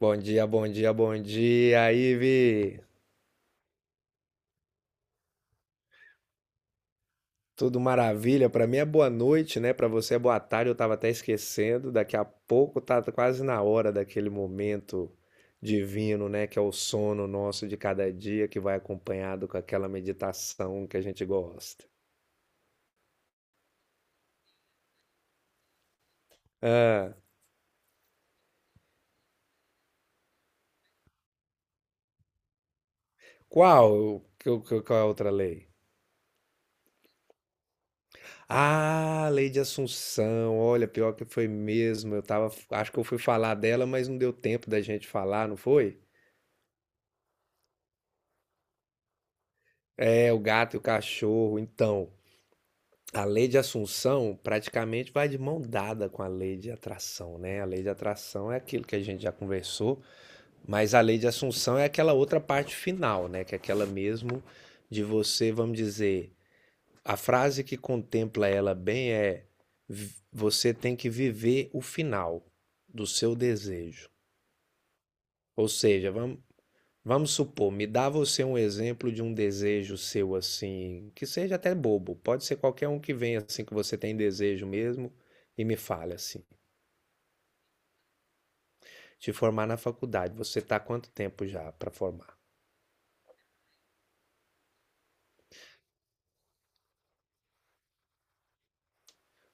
Bom dia, bom dia, bom dia, Ive. Tudo maravilha? Pra mim é boa noite, né? Pra você é boa tarde, eu tava até esquecendo. Daqui a pouco tá quase na hora daquele momento divino, né? Que é o sono nosso de cada dia, que vai acompanhado com aquela meditação que a gente gosta. Ah, qual? Qual é a outra lei? Ah, lei de Assunção. Olha, pior que foi mesmo. Eu tava, acho que eu fui falar dela, mas não deu tempo da gente falar, não foi? É, o gato e o cachorro. Então, a lei de Assunção praticamente vai de mão dada com a lei de atração, né? A lei de atração é aquilo que a gente já conversou, mas a lei de Assunção é aquela outra parte final, né? Que é aquela mesmo de você, vamos dizer, a frase que contempla ela bem é: Você tem que viver o final do seu desejo." Ou seja, vamos, vamos supor, me dá você um exemplo de um desejo seu assim, que seja até bobo, pode ser qualquer um que venha assim que você tem desejo mesmo e me fale assim. Te formar na faculdade, você está quanto tempo já para formar?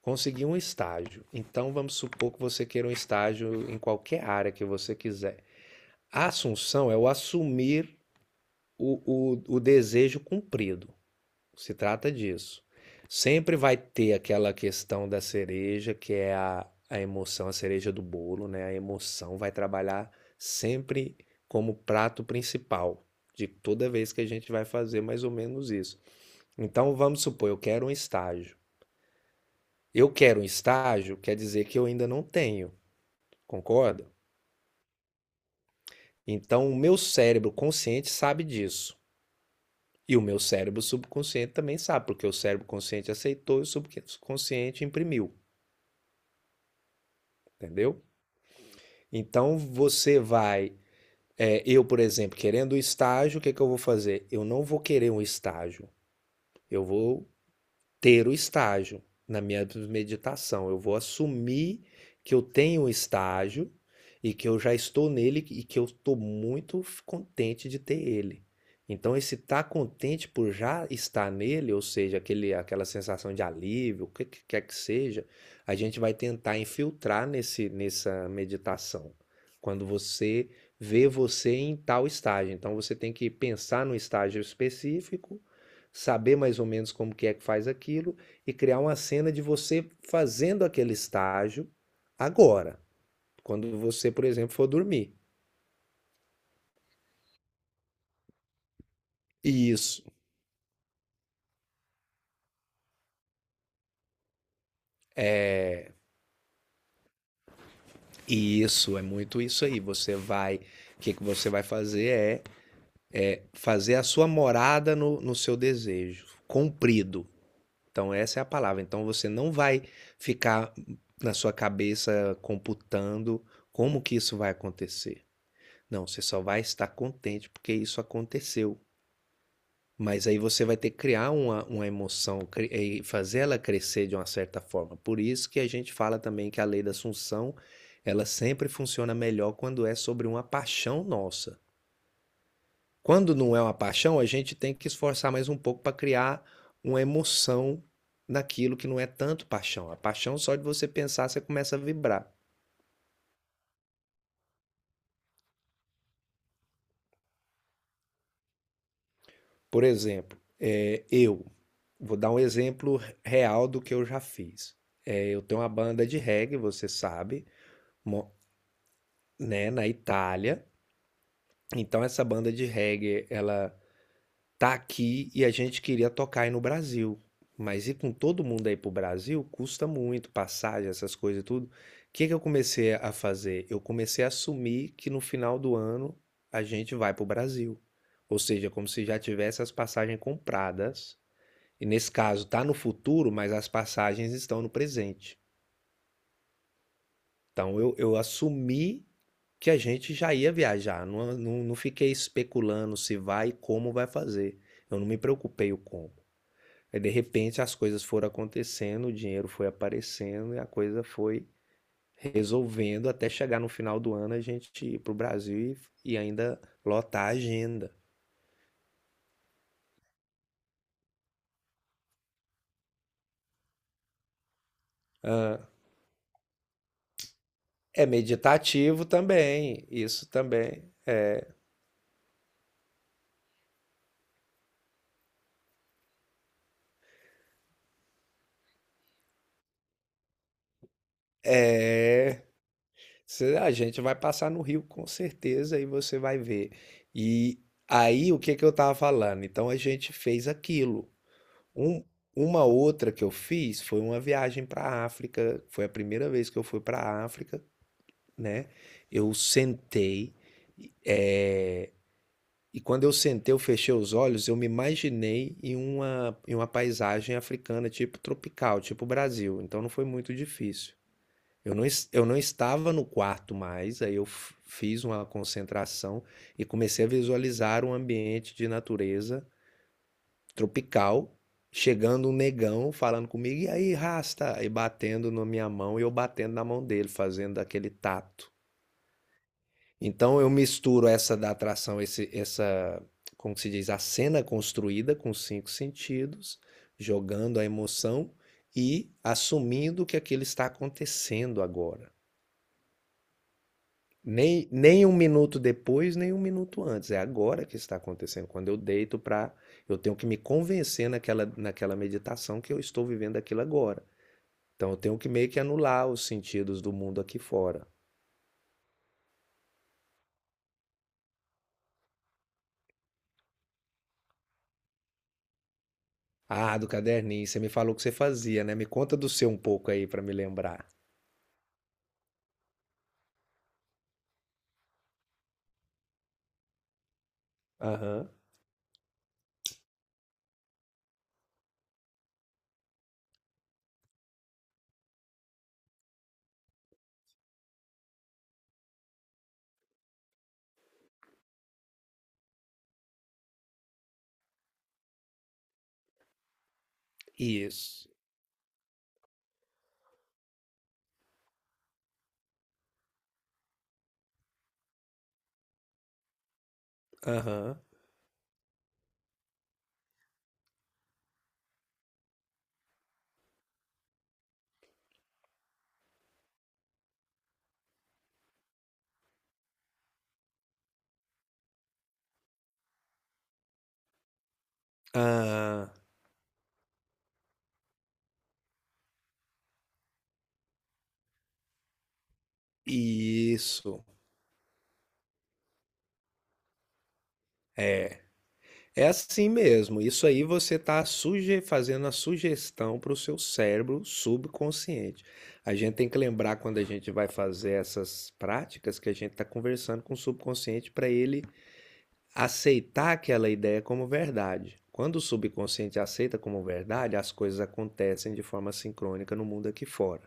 Conseguir um estágio. Então vamos supor que você queira um estágio em qualquer área que você quiser. A assunção é o assumir o, o desejo cumprido. Se trata disso. Sempre vai ter aquela questão da cereja, que é a emoção, a cereja do bolo, né? A emoção vai trabalhar sempre como prato principal de toda vez que a gente vai fazer mais ou menos isso. Então vamos supor, eu quero um estágio. Eu quero um estágio, quer dizer que eu ainda não tenho, concorda? Então o meu cérebro consciente sabe disso. E o meu cérebro subconsciente também sabe, porque o cérebro consciente aceitou e o subconsciente imprimiu, entendeu? Então você vai, eu, por exemplo, querendo o estágio, o que que eu vou fazer? Eu não vou querer um estágio. Eu vou ter o estágio na minha meditação. Eu vou assumir que eu tenho um estágio e que eu já estou nele e que eu estou muito contente de ter ele. Então, esse estar contente por já estar nele, ou seja, aquele, aquela sensação de alívio, o que quer que seja, a gente vai tentar infiltrar nessa meditação. Quando você vê você em tal estágio. Então, você tem que pensar no estágio específico, saber mais ou menos como que é que faz aquilo e criar uma cena de você fazendo aquele estágio agora, quando você, por exemplo, for dormir. E isso é e isso é muito isso aí. Você vai, que você vai fazer é, é fazer a sua morada no seu desejo, cumprido. Então essa é a palavra. Então você não vai ficar na sua cabeça computando como que isso vai acontecer. Não, você só vai estar contente porque isso aconteceu. Mas aí você vai ter que criar uma emoção e fazer ela crescer de uma certa forma. Por isso que a gente fala também que a lei da Assunção, ela sempre funciona melhor quando é sobre uma paixão nossa. Quando não é uma paixão, a gente tem que esforçar mais um pouco para criar uma emoção naquilo que não é tanto paixão. A paixão só de você pensar, você começa a vibrar. Por exemplo, eu. Vou dar um exemplo real do que eu já fiz. É, eu tenho uma banda de reggae, você sabe, mo- né, na Itália. Então essa banda de reggae, ela tá aqui e a gente queria tocar aí no Brasil. Mas ir com todo mundo aí pro Brasil custa muito, passagem, essas coisas e tudo. O que que eu comecei a fazer? Eu comecei a assumir que no final do ano a gente vai pro Brasil. Ou seja, como se já tivesse as passagens compradas. E nesse caso está no futuro, mas as passagens estão no presente. Então eu assumi que a gente já ia viajar, não fiquei especulando se vai e como vai fazer. Eu não me preocupei o como. Aí, de repente as coisas foram acontecendo, o dinheiro foi aparecendo e a coisa foi resolvendo até chegar no final do ano a gente ir para o Brasil ainda lotar a agenda. Ah, é meditativo também, isso também. É. A gente vai passar no Rio com certeza e você vai ver. E aí, o que que eu tava falando? Então a gente fez aquilo. Um- uma outra que eu fiz foi uma viagem para a África. Foi a primeira vez que eu fui para a África, né? Eu sentei, eh, e quando eu sentei, eu fechei os olhos, eu me imaginei em em uma paisagem africana, tipo tropical, tipo Brasil. Então não foi muito difícil. Eu não, eu não estava no quarto mais, aí eu fiz uma concentração e comecei a visualizar um ambiente de natureza tropical, chegando um negão falando comigo, e aí, rasta? E batendo na minha mão e eu batendo na mão dele, fazendo aquele tato. Então eu misturo essa da atração, como que se diz, a cena construída com os cinco sentidos, jogando a emoção e assumindo que aquilo está acontecendo agora. Nem um minuto depois, nem um minuto antes. É agora que está acontecendo. Quando eu deito para. Eu tenho que me convencer naquela meditação que eu estou vivendo aquilo agora. Então eu tenho que meio que anular os sentidos do mundo aqui fora. Ah, do caderninho, você me falou que você fazia, né? Me conta do seu um pouco aí para me lembrar. Aham. Isso. Aham. Ah, isso. É assim mesmo. Isso aí você está suge fazendo a sugestão para o seu cérebro subconsciente. A gente tem que lembrar quando a gente vai fazer essas práticas que a gente está conversando com o subconsciente para ele aceitar aquela ideia como verdade. Quando o subconsciente aceita como verdade, as coisas acontecem de forma sincrônica no mundo aqui fora.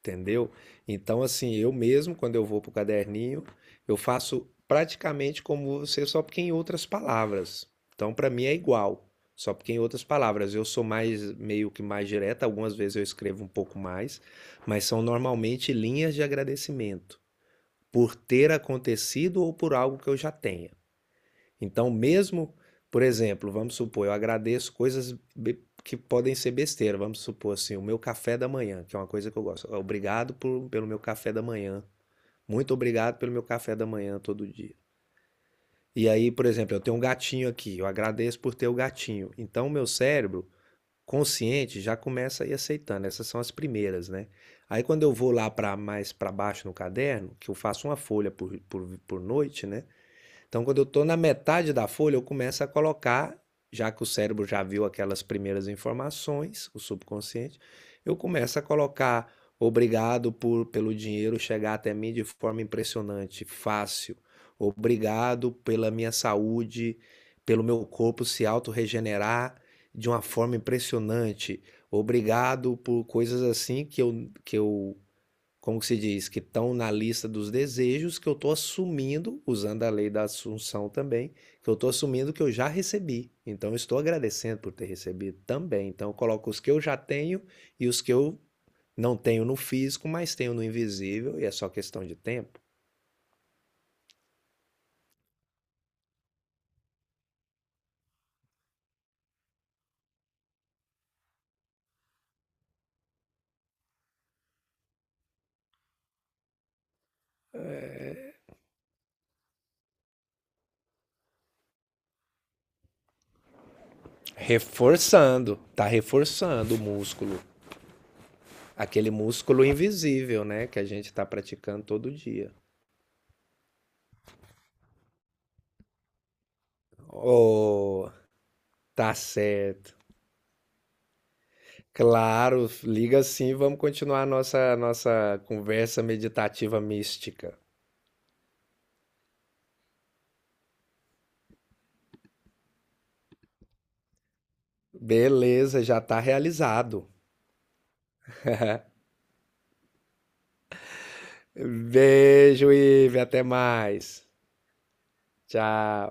Entendeu? Então, assim, eu mesmo, quando eu vou pro caderninho, eu faço praticamente como você, só porque em outras palavras. Então, para mim é igual, só porque em outras palavras. Eu sou mais, meio que mais direta, algumas vezes eu escrevo um pouco mais, mas são normalmente linhas de agradecimento por ter acontecido ou por algo que eu já tenha. Então, mesmo, por exemplo, vamos supor, eu agradeço coisas que podem ser besteira. Vamos supor assim, o meu café da manhã, que é uma coisa que eu gosto. Pelo meu café da manhã. Muito obrigado pelo meu café da manhã todo dia. E aí, por exemplo, eu tenho um gatinho aqui, eu agradeço por ter o gatinho. Então, o meu cérebro consciente já começa a ir aceitando. Essas são as primeiras, né? Aí, quando eu vou lá para mais para baixo no caderno, que eu faço uma folha por noite, né? Então, quando eu estou na metade da folha, eu começo a colocar, já que o cérebro já viu aquelas primeiras informações, o subconsciente, eu começo a colocar obrigado pelo dinheiro chegar até mim de forma impressionante, fácil. Obrigado pela minha saúde, pelo meu corpo se auto regenerar de uma forma impressionante. Obrigado por coisas assim que eu, como que se diz, que estão na lista dos desejos que eu estou assumindo, usando a lei da assunção também, que eu estou assumindo que eu já recebi. Então, eu estou agradecendo por ter recebido também. Então, eu coloco os que eu já tenho e os que eu não tenho no físico, mas tenho no invisível, e é só questão de tempo. Reforçando, tá reforçando o músculo. Aquele músculo invisível, né? Que a gente está praticando todo dia. Oh, tá certo. Claro, liga sim, vamos continuar a nossa conversa meditativa mística. Beleza, já está realizado. Beijo, Ive, até mais. Tchau.